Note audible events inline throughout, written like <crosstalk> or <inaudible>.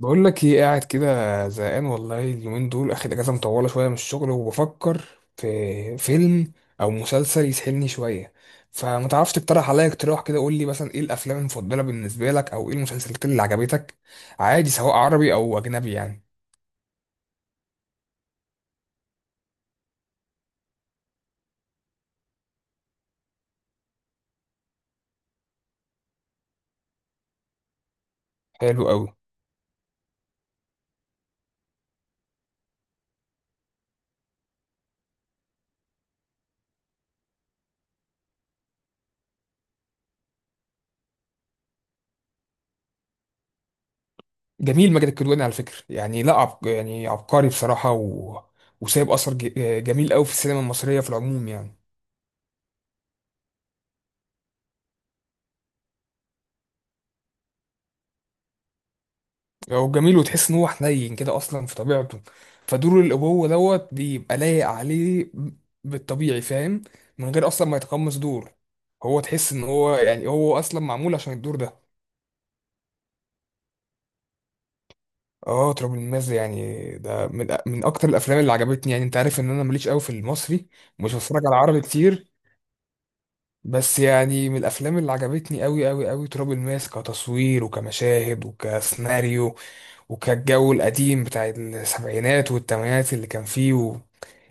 بقول لك ايه؟ قاعد كده زهقان والله. اليومين دول اخد اجازه مطوله شويه من الشغل، وبفكر في فيلم او مسلسل يسحلني شويه. فما تعرفش تقترح عليا اقتراح كده؟ قول لي مثلا ايه الافلام المفضله بالنسبه لك، او ايه المسلسلات اللي عجبتك؟ عادي، سواء عربي او اجنبي يعني. حلو قوي. جميل، ماجد الكدواني على فكره يعني لا عب... يعني عبقري بصراحه وسايب جميل قوي في السينما المصريه في العموم يعني. هو جميل، وتحس ان هو حنين كده اصلا في طبيعته، فدور الابوه دوت بيبقى لايق عليه بالطبيعي، فاهم؟ من غير اصلا ما يتقمص دور، هو تحس ان هو يعني هو اصلا معمول عشان الدور ده. اه، تراب الماس ده يعني ده من اكتر الافلام اللي عجبتني. يعني انت عارف ان انا ماليش قوي في المصري، مش بتفرج على عربي كتير. بس يعني من الافلام اللي عجبتني قوي قوي قوي تراب الماس، كتصوير وكمشاهد وكسيناريو. وكان الجو القديم بتاع السبعينات والثمانينات اللي كان فيه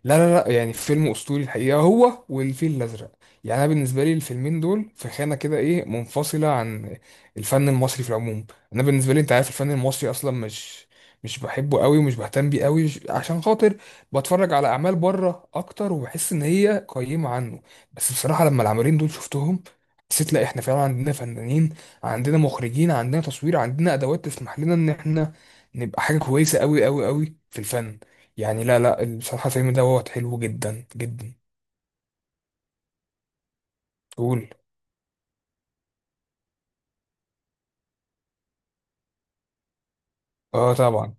لا لا لا، يعني فيلم اسطوري الحقيقه، هو والفيل الازرق. يعني انا بالنسبه لي الفيلمين دول في خانه كده ايه، منفصله عن الفن المصري في العموم. انا بالنسبه لي، انت عارف الفن المصري اصلا مش بحبه قوي، ومش بهتم بيه قوي، عشان خاطر بتفرج على اعمال بره اكتر، وبحس ان هي قيمه عنه. بس بصراحه لما العملين دول شفتهم، حسيت لا احنا فعلا عندنا فنانين، عندنا مخرجين، عندنا تصوير، عندنا ادوات تسمح لنا ان احنا نبقى حاجة كويسة قوي قوي قوي في الفن. يعني لا لا بصراحة الفيلم ده وقت حلو جدا جدا. قول. اه طبعا.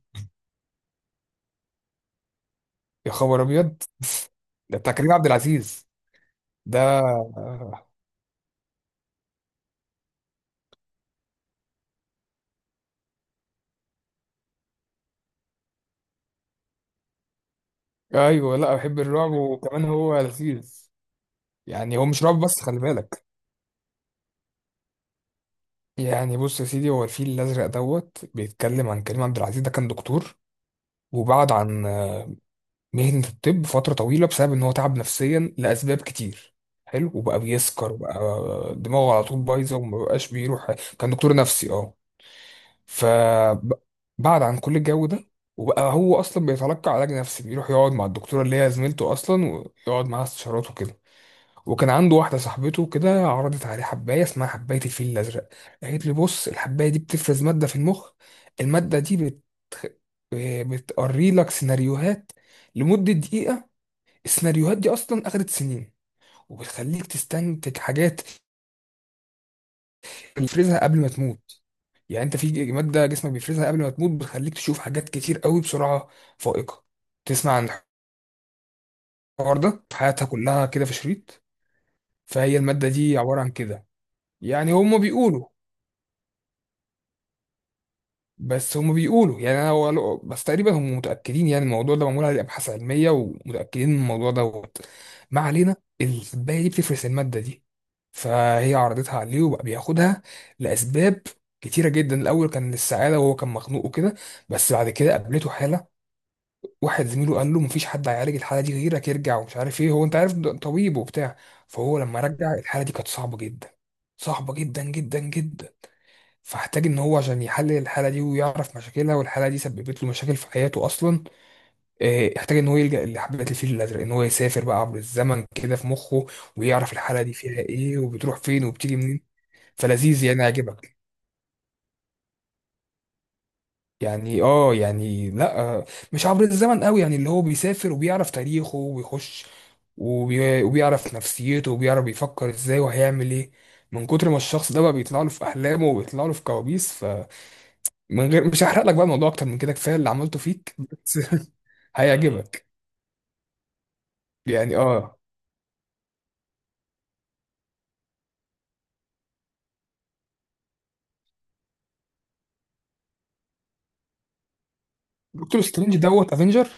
يا خبر ابيض! <laughs> ده بتاع كريم عبد العزيز ده. آه. ايوه، لا بحب الرعب، وكمان هو لذيذ. يعني هو مش رعب بس، خلي بالك. يعني بص يا سيدي، هو الفيل الازرق دوت بيتكلم عن كريم عبد العزيز ده، كان دكتور وبعد عن مهنة الطب فترة طويلة بسبب إن هو تعب نفسيا لأسباب كتير. حلو. وبقى بيسكر وبقى دماغه على طول بايظة، ومبقاش بيروح. كان دكتور نفسي، اه. فبعد عن كل الجو ده، وبقى هو أصلا بيتلقى علاج نفسي، بيروح يقعد مع الدكتورة اللي هي زميلته أصلا، ويقعد معاها استشارات وكده. وكان عنده واحدة صاحبته كده، عرضت عليه حباية اسمها حباية الفيل الأزرق. قالت لي بص، الحباية دي بتفرز مادة في المخ، المادة دي بتقري لك سيناريوهات لمدة دقيقة. السيناريوهات دي اصلا اخدت سنين، وبتخليك تستنتج حاجات بيفرزها قبل ما تموت. يعني انت في ماده جسمك بيفرزها قبل ما تموت، بتخليك تشوف حاجات كتير قوي بسرعه فائقه، تسمع عن الحوار ده، حياتها كلها كده في شريط. فهي الماده دي عباره عن كده، يعني هما بيقولوا، بس هم بيقولوا يعني انا، هو بس تقريبا هم متاكدين، يعني الموضوع ده معمول عليه ابحاث علميه، ومتاكدين من الموضوع دوت. ما علينا، الكوبايه دي بتفرز الماده دي. فهي عرضتها عليه وبقى بياخدها لاسباب كتيره جدا. الاول كان للسعاده، وهو كان مخنوق وكده. بس بعد كده قابلته حاله، واحد زميله قال له مفيش حد هيعالج الحاله دي غيرك، يرجع ومش عارف ايه، هو انت عارف ده طبيب وبتاع. فهو لما رجع الحاله دي كانت صعبه جدا، صعبه جدا جدا جدا. فاحتاج ان هو عشان يحلل الحاله دي ويعرف مشاكلها، والحاله دي سببت له مشاكل في حياته اصلا، آه، احتاج ان هو يلجأ لحبات الفيل الازرق، ان هو يسافر بقى عبر الزمن كده في مخه، ويعرف الحاله دي فيها ايه، وبتروح فين، وبتيجي منين. فلذيذ، يعني عجبك؟ يعني اه، يعني لا آه، مش عبر الزمن قوي، يعني اللي هو بيسافر وبيعرف تاريخه وبيخش، وبيعرف نفسيته، وبيعرف بيفكر ازاي، وهيعمل ايه. من كتر ما الشخص ده بقى بيطلع له في احلامه وبيطلع له في كوابيس. من غير، مش هحرق لك بقى الموضوع اكتر من كده، كفايه اللي عملته فيك. بس. <laughs> هيعجبك. يعني اه. دكتور سترينج دوت افنجر.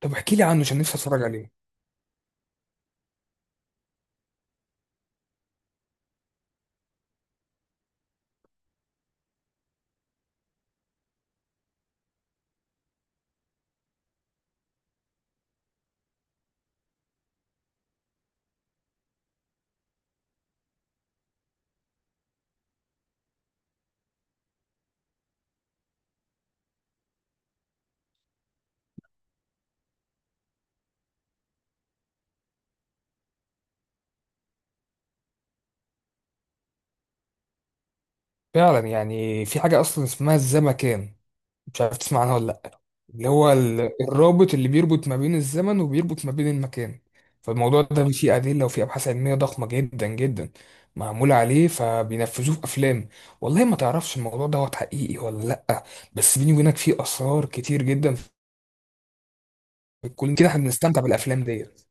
طب احكي لي عنه، عشان نفسي اتفرج عليه. فعلا، يعني في حاجه اصلا اسمها الزمكان، مش عارف تسمع عنها ولا لا؟ اللي هو ال- الرابط اللي بيربط ما بين الزمن، وبيربط ما بين المكان. فالموضوع ده فيه ادله وفيه ابحاث علميه ضخمه جدا جدا معموله عليه، فبينفذوه في افلام. والله ما تعرفش الموضوع دوت حقيقي ولا لا، بس بيني وبينك فيه اسرار كتير جدا. كل كده احنا بنستمتع بالافلام ديت.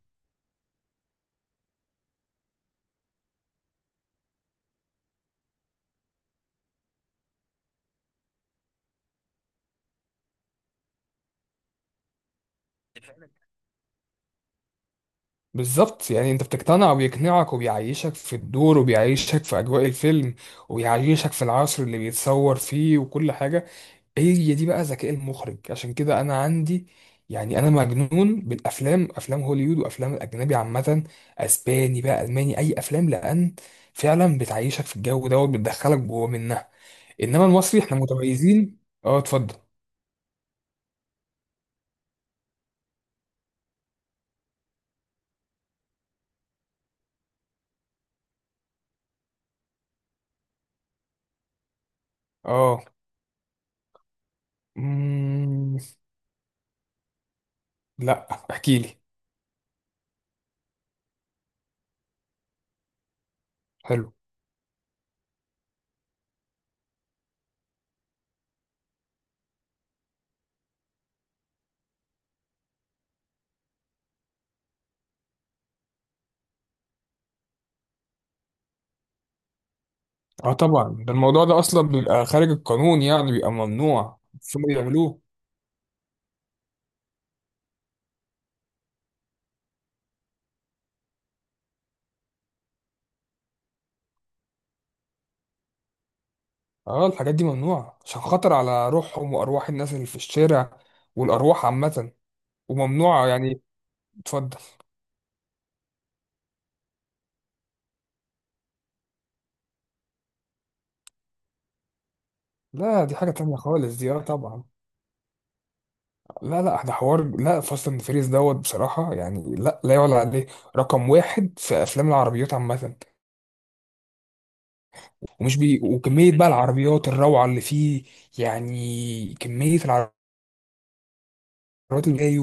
بالظبط، يعني انت بتقتنع، وبيقنعك، وبيعيشك في الدور، وبيعيشك في اجواء الفيلم، وبيعيشك في العصر اللي بيتصور فيه، وكل حاجه. هي دي بقى ذكاء المخرج. عشان كده انا عندي، يعني انا مجنون بالافلام، افلام هوليوود وافلام الاجنبي عامه، اسباني بقى، الماني، اي افلام، لان فعلا بتعيشك في الجو دوت، بتدخلك جوه منها. انما المصري احنا متميزين. اه اتفضل. اه. مم... لا احكي لي. حلو. اه طبعا، ده الموضوع ده اصلا بيبقى خارج القانون، يعني بيبقى ممنوع شو ما بيعملوه. اه الحاجات دي ممنوعة عشان خطر على روحهم، وارواح الناس اللي في الشارع، والارواح عامة، وممنوعة يعني. اتفضل. لا دي حاجة تانية خالص دي، اه طبعا. لا لا، ده حوار، لا فاست اند فيريز دوت بصراحة، يعني لا لا يعلى عليه، رقم واحد في افلام العربيات عامة. ومش بي، وكمية بقى العربيات الروعة اللي فيه، يعني كمية العربيات اللي جاي.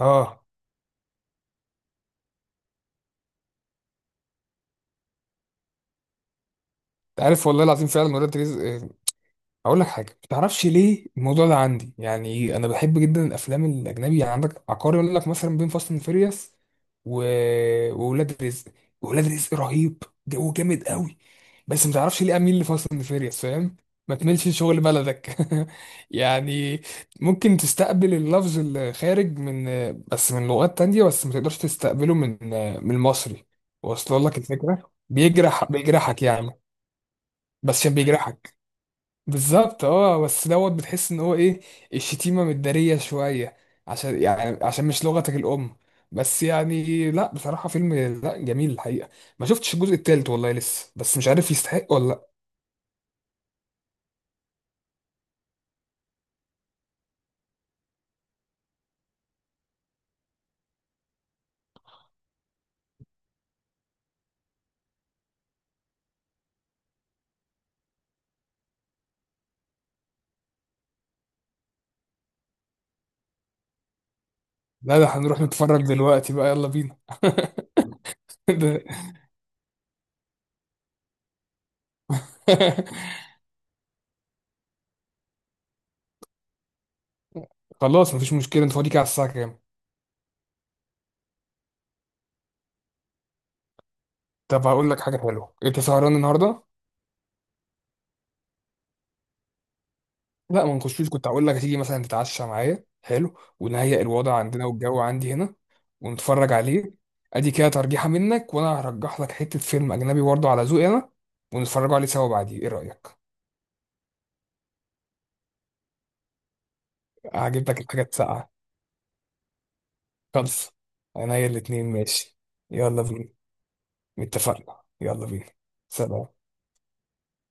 اه. انت عارف والله العظيم فعلا، ولاد رزق اقول لك حاجه، ما تعرفش ليه الموضوع ده عندي؟ يعني انا بحب جدا الافلام الاجنبي، يعني عندك عقاري يقول لك مثلا بين فاست اند فيريوس و... وولاد رزق، ولاد رزق رهيب، جو جامد قوي. بس ما تعرفش ليه اميل لفاست اند فيريوس، فاهم؟ ما تملش شغل بلدك. <laughs> يعني ممكن تستقبل اللفظ الخارج بس من لغات تانية، بس ما تقدرش تستقبله من المصري. واصل لك الفكره؟ بيجرح، بيجرحك يعني. بس عشان بيجرحك. بالظبط، اه بس دوت بتحس ان هو ايه، الشتيمه متداريه شويه، عشان يعني عشان مش لغتك الام. بس يعني لا بصراحه فيلم لا جميل الحقيقه. ما شفتش الجزء التالت والله لسه، بس مش عارف يستحق ولا لا. لا ده هنروح نتفرج دلوقتي بقى، يلا بينا. <laughs> ده- <laughs> خلاص مفيش مشكله، انت فاضيك على الساعه كام؟ طب هقول لك حاجه حلوه، انت سهران النهارده؟ لا ما نخشوش، كنت هقول لك هتيجي مثلا تتعشى معايا، حلو، ونهيئ الوضع عندنا والجو عندي هنا، ونتفرج عليه. ادي كده ترجيحة منك، وانا هرجح لك حتة فيلم اجنبي برضه على ذوقي انا، ونتفرجوا عليه سوا بعديه، ايه رأيك؟ هجيب لك الحاجات ساقعة، خلص. انا هي الاتنين ماشي. يلا بينا. اتفقنا، يلا بينا. سلام.